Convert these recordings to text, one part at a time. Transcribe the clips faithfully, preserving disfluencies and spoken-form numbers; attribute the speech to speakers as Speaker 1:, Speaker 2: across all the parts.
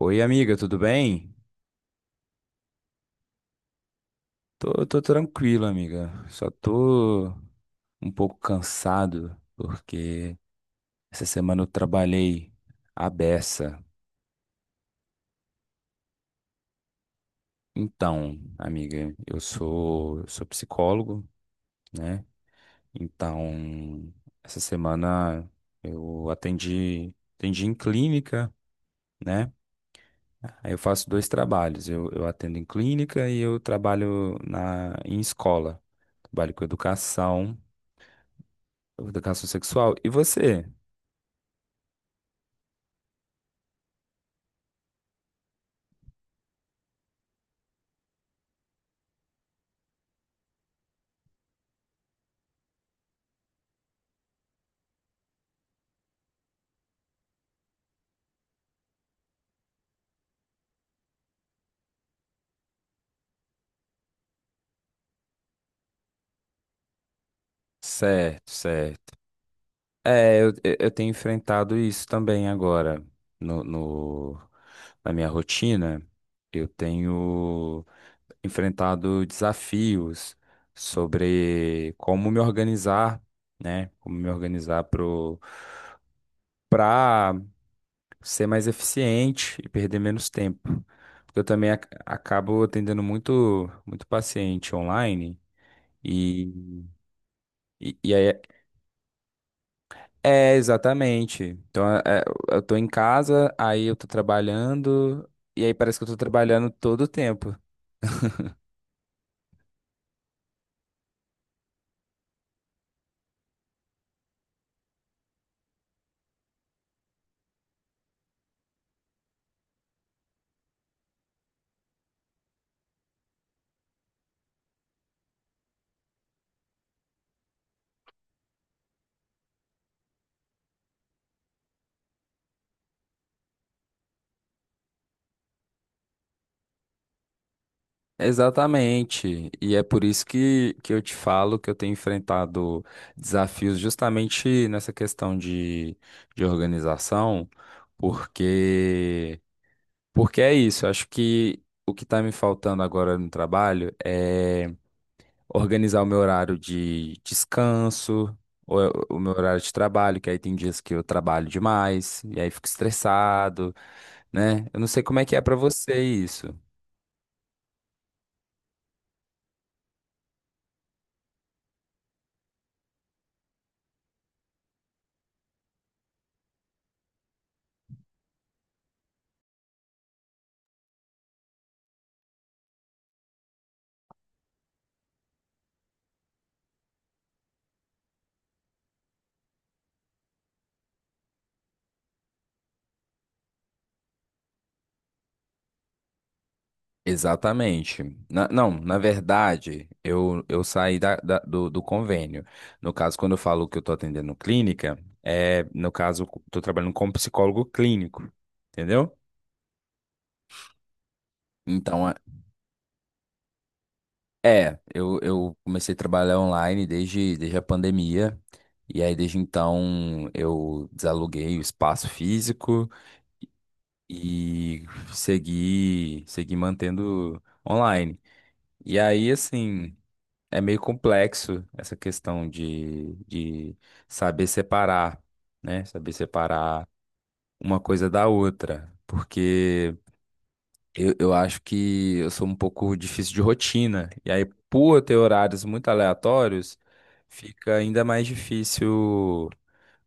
Speaker 1: Oi, amiga, tudo bem? Tô, tô tranquilo, amiga. Só tô um pouco cansado porque essa semana eu trabalhei à beça. Então, amiga, eu sou, eu sou psicólogo, né? Então, essa semana eu atendi, atendi em clínica, né? Aí eu faço dois trabalhos. Eu, eu atendo em clínica e eu trabalho na, em escola. Trabalho com educação. Educação sexual. E você? Certo, certo. É, eu, eu eu tenho enfrentado isso também agora no, no- na minha rotina. Eu tenho enfrentado desafios sobre como me organizar, né? Como me organizar pro, para ser mais eficiente e perder menos tempo. Porque eu também ac- acabo atendendo muito, muito paciente online. E, e, e aí É, exatamente. Então, é, é, eu tô em casa, aí eu tô trabalhando, e aí parece que eu tô trabalhando todo o tempo. Exatamente. E é por isso que, que eu te falo que eu tenho enfrentado desafios justamente nessa questão de, de organização, porque, porque é isso. Eu acho que o que está me faltando agora no trabalho é organizar o meu horário de descanso, ou o meu horário de trabalho, que aí tem dias que eu trabalho demais, e aí fico estressado, né? Eu não sei como é que é pra você isso. Exatamente. Na- não, na verdade, eu, eu saí da, da- do, do convênio. No caso, quando eu falo que eu tô atendendo clínica, é, no caso, eu tô trabalhando como psicólogo clínico, entendeu? Então, é, eu, eu comecei a trabalhar online desde, desde a pandemia. E aí, desde então, eu desaluguei o espaço físico e segui, segui mantendo online. E aí, assim, é meio complexo essa questão de, de saber separar, né? Saber separar uma coisa da outra. Porque Eu, eu acho que eu sou um pouco difícil de rotina. E aí, por ter horários muito aleatórios, fica ainda mais difícil,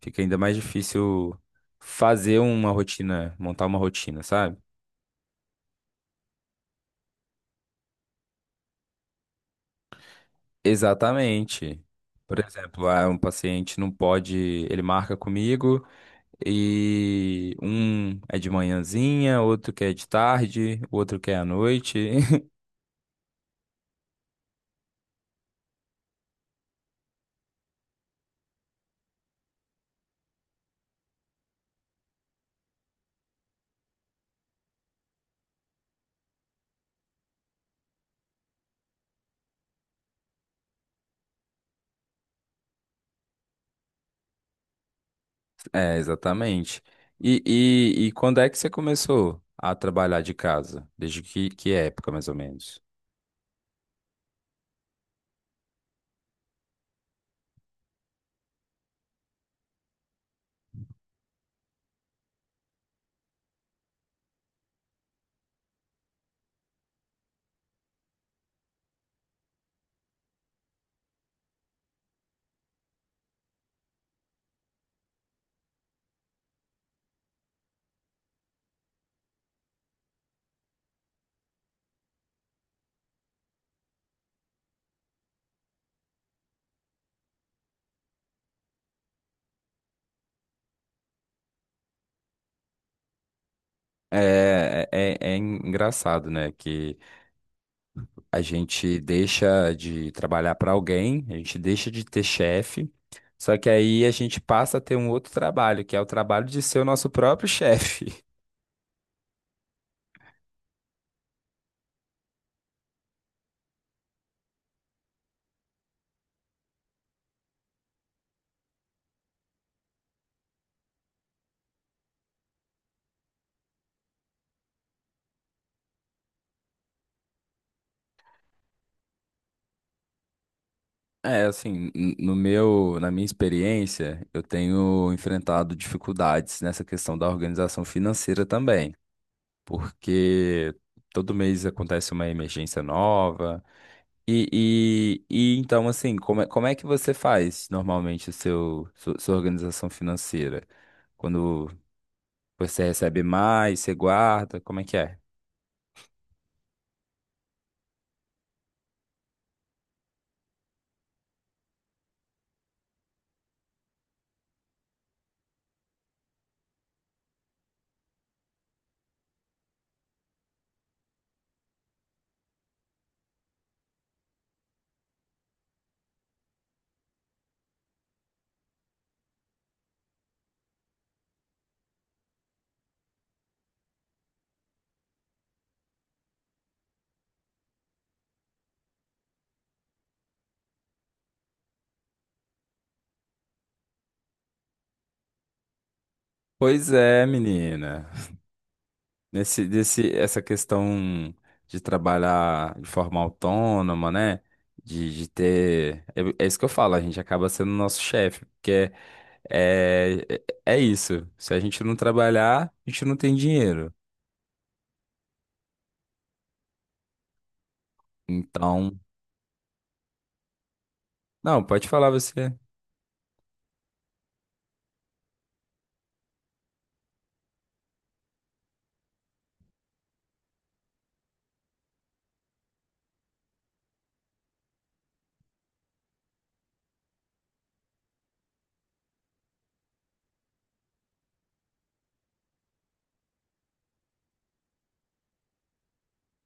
Speaker 1: fica ainda mais difícil fazer uma rotina, montar uma rotina, sabe? Exatamente. Por exemplo, ah, um paciente não pode, ele marca comigo e um é de manhãzinha, outro quer de tarde, o outro quer à noite. É, exatamente. E, e, e quando é que você começou a trabalhar de casa? Desde que, que época, mais ou menos? É, é, é engraçado, né? Que a gente deixa de trabalhar para alguém, a gente deixa de ter chefe, só que aí a gente passa a ter um outro trabalho, que é o trabalho de ser o nosso próprio chefe. É, assim, n- no meu, na minha experiência, eu tenho enfrentado dificuldades nessa questão da organização financeira também, porque todo mês acontece uma emergência nova. E, e, e então, assim, como é, como é que você faz normalmente o seu, su- sua organização financeira? Quando você recebe mais, você guarda, como é que é? Pois é, menina. Nesse, desse, essa questão de trabalhar de forma autônoma, né? De, de ter. É, é isso que eu falo, a gente acaba sendo nosso chefe, porque é, é, é isso. Se a gente não trabalhar, a gente não tem dinheiro. Então. Não, pode falar você.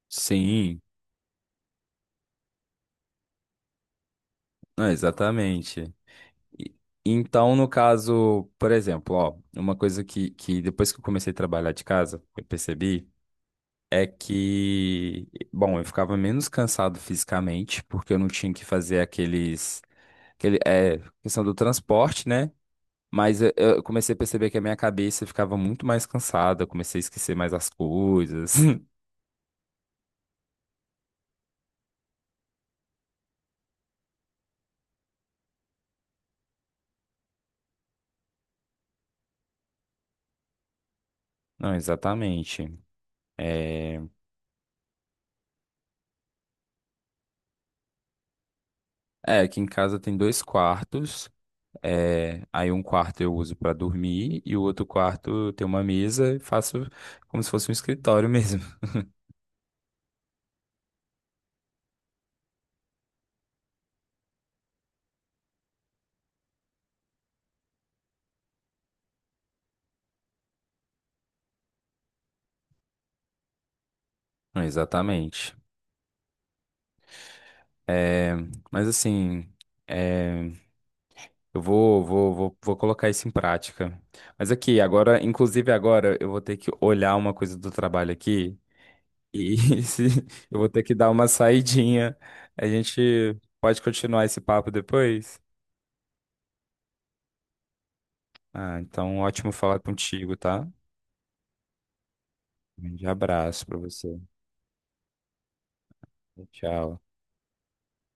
Speaker 1: Sim, não, exatamente. E então, no caso, por exemplo, ó, uma coisa que, que depois que eu comecei a trabalhar de casa, eu percebi. É que, bom, eu ficava menos cansado fisicamente, porque eu não tinha que fazer aqueles, aquele, é, questão do transporte, né? Mas eu, eu comecei a perceber que a minha cabeça ficava muito mais cansada, eu comecei a esquecer mais as coisas. Não, exatamente. É, é, aqui em casa tem dois quartos, é, aí um quarto eu uso para dormir e o outro quarto tem uma mesa e faço como se fosse um escritório mesmo. Não, exatamente. É, mas assim, é, eu vou, vou, vou, vou colocar isso em prática. Mas aqui, agora, inclusive agora, eu vou ter que olhar uma coisa do trabalho aqui e se- eu vou ter que dar uma saidinha. A gente pode continuar esse papo depois? Ah, então ótimo falar contigo, tá? Um grande abraço pra você. Tchau.